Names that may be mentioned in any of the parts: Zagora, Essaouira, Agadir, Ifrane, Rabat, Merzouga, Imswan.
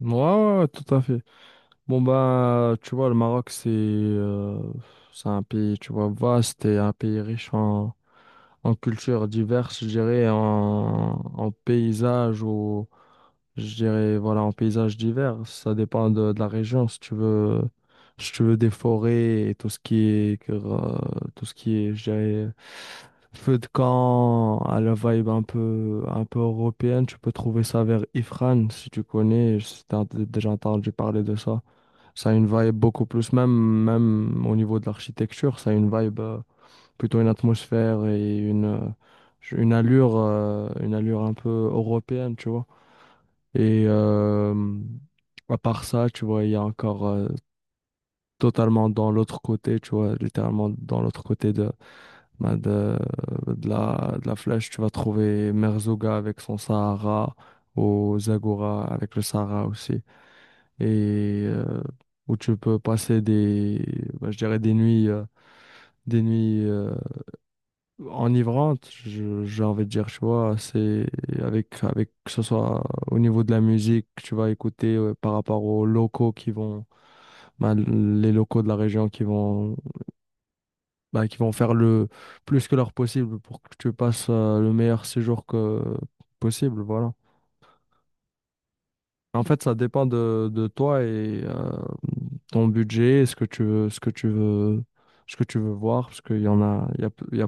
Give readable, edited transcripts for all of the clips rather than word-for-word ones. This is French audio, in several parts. Ouais, ouais, ouais, tout à fait. Bon, ben, tu vois, le Maroc, c'est un pays, tu vois, vaste et un pays riche en, en cultures diverses, je dirais, en, en paysages, je dirais, voilà, en paysage divers, ça dépend de la région. Si tu veux, si tu veux des forêts et tout ce qui est, tout ce qui est, je dirais, feu de camp, à la vibe un peu européenne, tu peux trouver ça vers Ifrane, si tu connais, si déjà entendu parler de ça. Ça a une vibe beaucoup plus, même, même au niveau de l'architecture, ça a une vibe, plutôt une atmosphère et une allure un peu européenne, tu vois. Et euh, à part ça, tu vois, il y a encore totalement dans l'autre côté, tu vois, littéralement dans l'autre côté de, ben, de, de la flèche, tu vas trouver Merzouga avec son Sahara, ou Zagora avec le Sahara aussi. Et euh, où tu peux passer des, ben, je dirais des nuits enivrante, j'ai envie de dire, tu vois, c'est avec, avec que ce soit au niveau de la musique que tu vas écouter par rapport aux locaux qui vont, ben, les locaux de la région qui vont, ben, qui vont faire le plus que leur possible pour que tu passes le meilleur séjour que possible, voilà. En fait, ça dépend de toi et ton budget, ce que tu veux, ce que tu veux, ce que tu veux voir, parce qu'il y en a, il y a, il y a,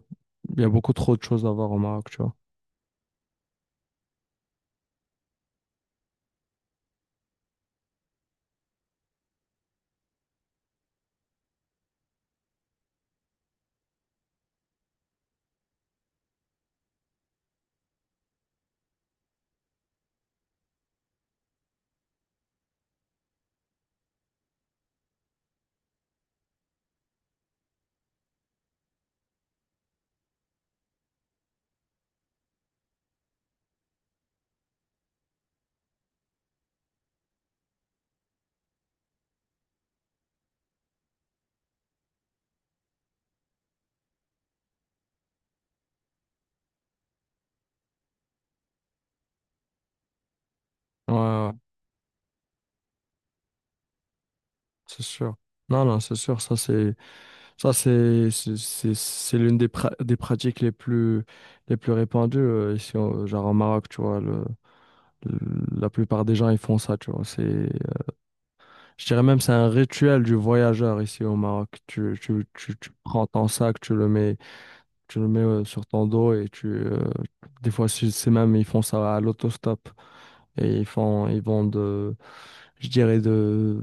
il y a beaucoup trop de choses à voir au Maroc, tu vois. Ouais, ouais, c'est sûr. Non, non, c'est sûr, ça c'est. Ça, c'est l'une des, des pratiques les plus répandues ici, genre au Maroc, tu vois. Le, la plupart des gens, ils font ça, tu vois. C'est, je dirais même, c'est un rituel du voyageur ici au Maroc. Tu prends ton sac, tu le mets sur ton dos et tu, des fois, c'est même, ils font ça à l'autostop et ils font, ils vont de, je dirais de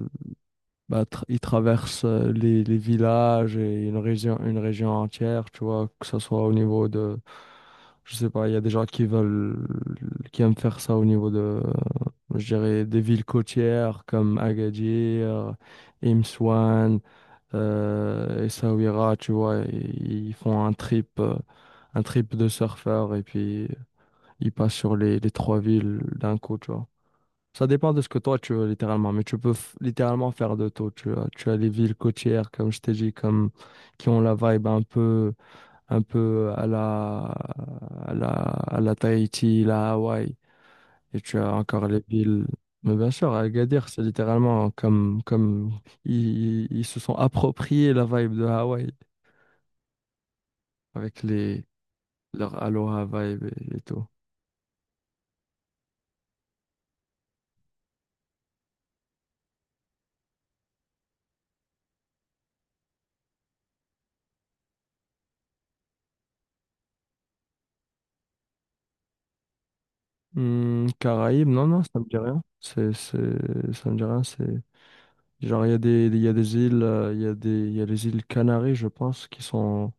bah, il traverse les villages et une région entière, tu vois, que ce soit au niveau de, je sais pas, il y a des gens qui veulent, qui aiment faire ça au niveau de, euh, je dirais, des villes côtières comme Agadir, Imswan, Essaouira, tu vois, ils font un trip de surfeurs et puis ils passent sur les trois villes d'un coup, tu vois. Ça dépend de ce que toi tu veux littéralement, mais tu peux littéralement faire de tout. Tu as les villes côtières, comme je t'ai dit, comme, qui ont la vibe un peu à la, à la, à la Tahiti, la Hawaï. Et tu as encore les villes. Mais bien sûr, à Agadir, c'est littéralement comme, comme ils, ils se sont appropriés la vibe de Hawaï avec les, leur Aloha vibe et tout. Hmm, Caraïbes, non, non, ça me dit rien. C'est, ça me dit rien. C'est genre il y a des, il y a des îles, il y a des, il y a les îles Canaries, je pense, qui sont.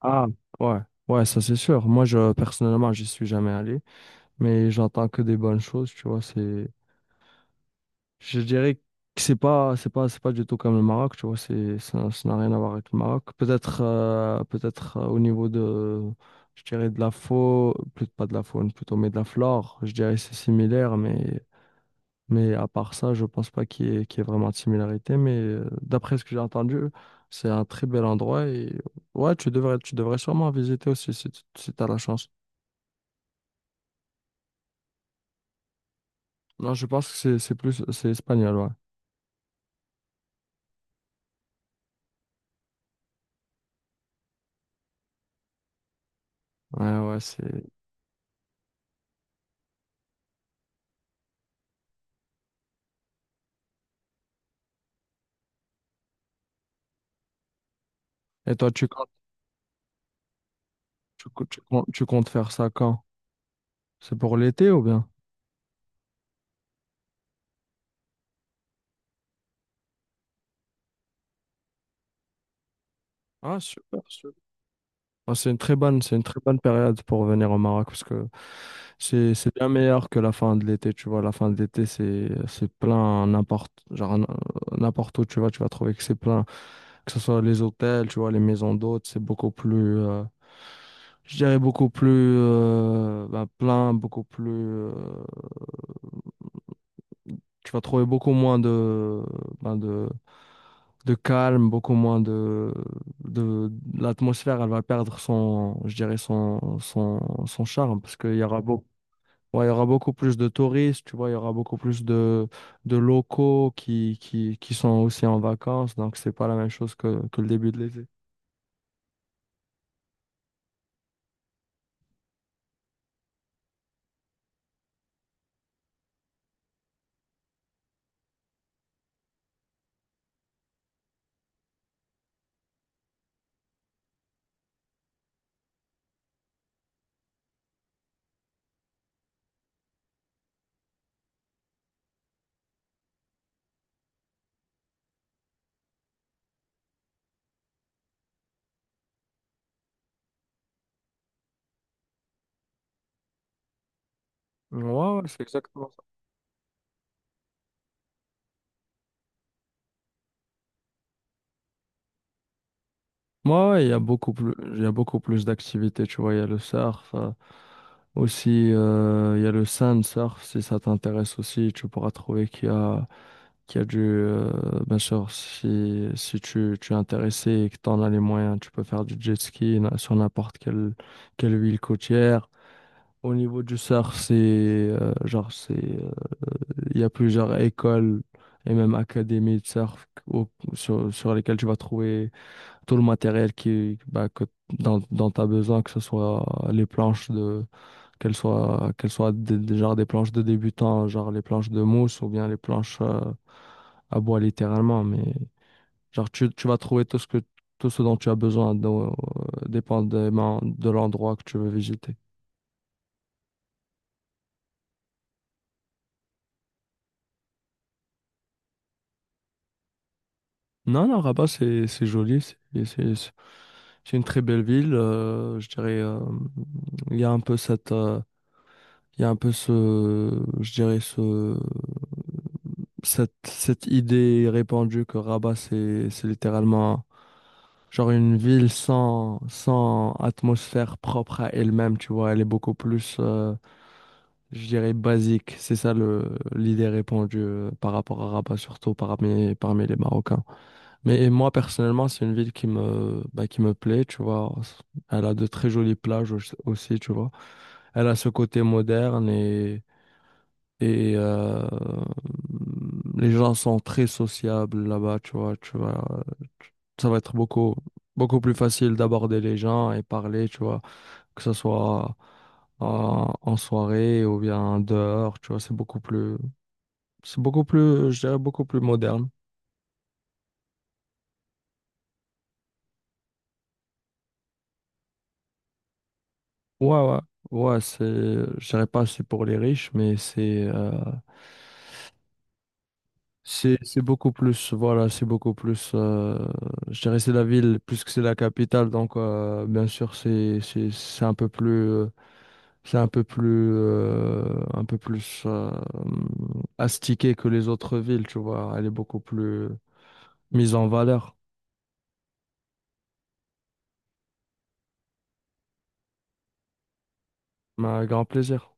Ah, ouais, ouais, ça c'est sûr. Moi, je personnellement, j'y suis jamais allé, mais j'entends que des bonnes choses. Tu vois, c'est, je dirais que c'est pas, c'est pas, c'est pas du tout comme le Maroc. Tu vois, c'est, ça n'a rien à voir avec le Maroc. Peut-être, peut-être au niveau de, je dirais de la faune, plutôt pas de la faune, plutôt mais de la flore. Je dirais que c'est similaire, mais. Mais à part ça, je pense pas qu'il y ait, qu'il y ait vraiment de similarité. Mais d'après ce que j'ai entendu, c'est un très bel endroit. Et ouais, tu devrais sûrement visiter aussi si, tu si t'as la chance. Non, je pense que c'est plus, c'est espagnol, ouais. Ouais, ouais, c'est. Et toi, tu comptes, tu, tu comptes faire ça quand? C'est pour l'été ou bien? Ah, super, super. Ah, c'est une très bonne, c'est une très bonne période pour venir au Maroc parce que c'est bien meilleur que la fin de l'été, tu vois. La fin de l'été, c'est plein n'importe genre n'importe où tu vas trouver que c'est plein, que ce soit les hôtels, tu vois, les maisons d'hôtes, c'est beaucoup plus je dirais beaucoup plus ben, plein, beaucoup plus tu vas trouver beaucoup moins de ben, de calme, beaucoup moins de l'atmosphère, elle va perdre son, je dirais son, son, son charme parce qu'il y aura beaucoup, il y aura beaucoup plus de touristes, tu vois, il y aura beaucoup plus de locaux qui sont aussi en vacances, donc c'est pas la même chose que le début de l'été. Ouais, ouais, c'est exactement. Moi, ouais, il y a beaucoup plus, il y a beaucoup plus d'activités, tu vois. Il y a le surf, aussi, il y a le sand surf, si ça t'intéresse aussi, tu pourras trouver qu'il y a du, bien sûr, si, si tu, tu es intéressé et que tu en as les moyens, tu peux faire du jet ski sur n'importe quelle, quelle ville côtière. Au niveau du surf, c'est, genre, c'est, il y a plusieurs écoles et même académies de surf sur, sur lesquelles tu vas trouver tout le matériel qui, bah, que, dont, dont tu as besoin, que ce soit les planches de, qu'elles soient des, genre des planches de débutants, genre les planches de mousse ou bien les planches à bois littéralement. Mais genre, tu vas trouver tout ce que, tout ce dont tu as besoin, donc, dépendamment de l'endroit que tu veux visiter. Non, non, Rabat, c'est joli, c'est- c'est- c'est une très belle ville. Euh, je dirais, il y a un peu cette, il y a un peu ce, je dirais ce, cette, cette idée répandue que Rabat, c'est littéralement genre une ville sans, sans atmosphère propre à elle-même, tu vois. Elle est beaucoup plus, je dirais, basique. C'est ça le, l'idée répandue par rapport à Rabat, surtout parmi, parmi les Marocains. Mais et moi, personnellement, c'est une ville qui me, bah, qui me plaît, tu vois. Elle a de très jolies plages aussi, tu vois. Elle a ce côté moderne et les gens sont très sociables là-bas, tu vois, tu vois. Ça va être beaucoup, beaucoup plus facile d'aborder les gens et parler, tu vois, que ce soit en, en soirée ou bien dehors, tu vois, c'est beaucoup plus, je dirais, beaucoup plus moderne. Ouais, ouais, ouais, c'est, je dirais pas c'est pour les riches, mais c'est, c'est beaucoup plus, voilà, c'est beaucoup plus, je dirais c'est la ville plus que c'est la capitale, donc bien sûr c'est c'est un peu plus, c'est un peu plus astiqué que les autres villes, tu vois, elle est beaucoup plus mise en valeur. Mais un grand plaisir.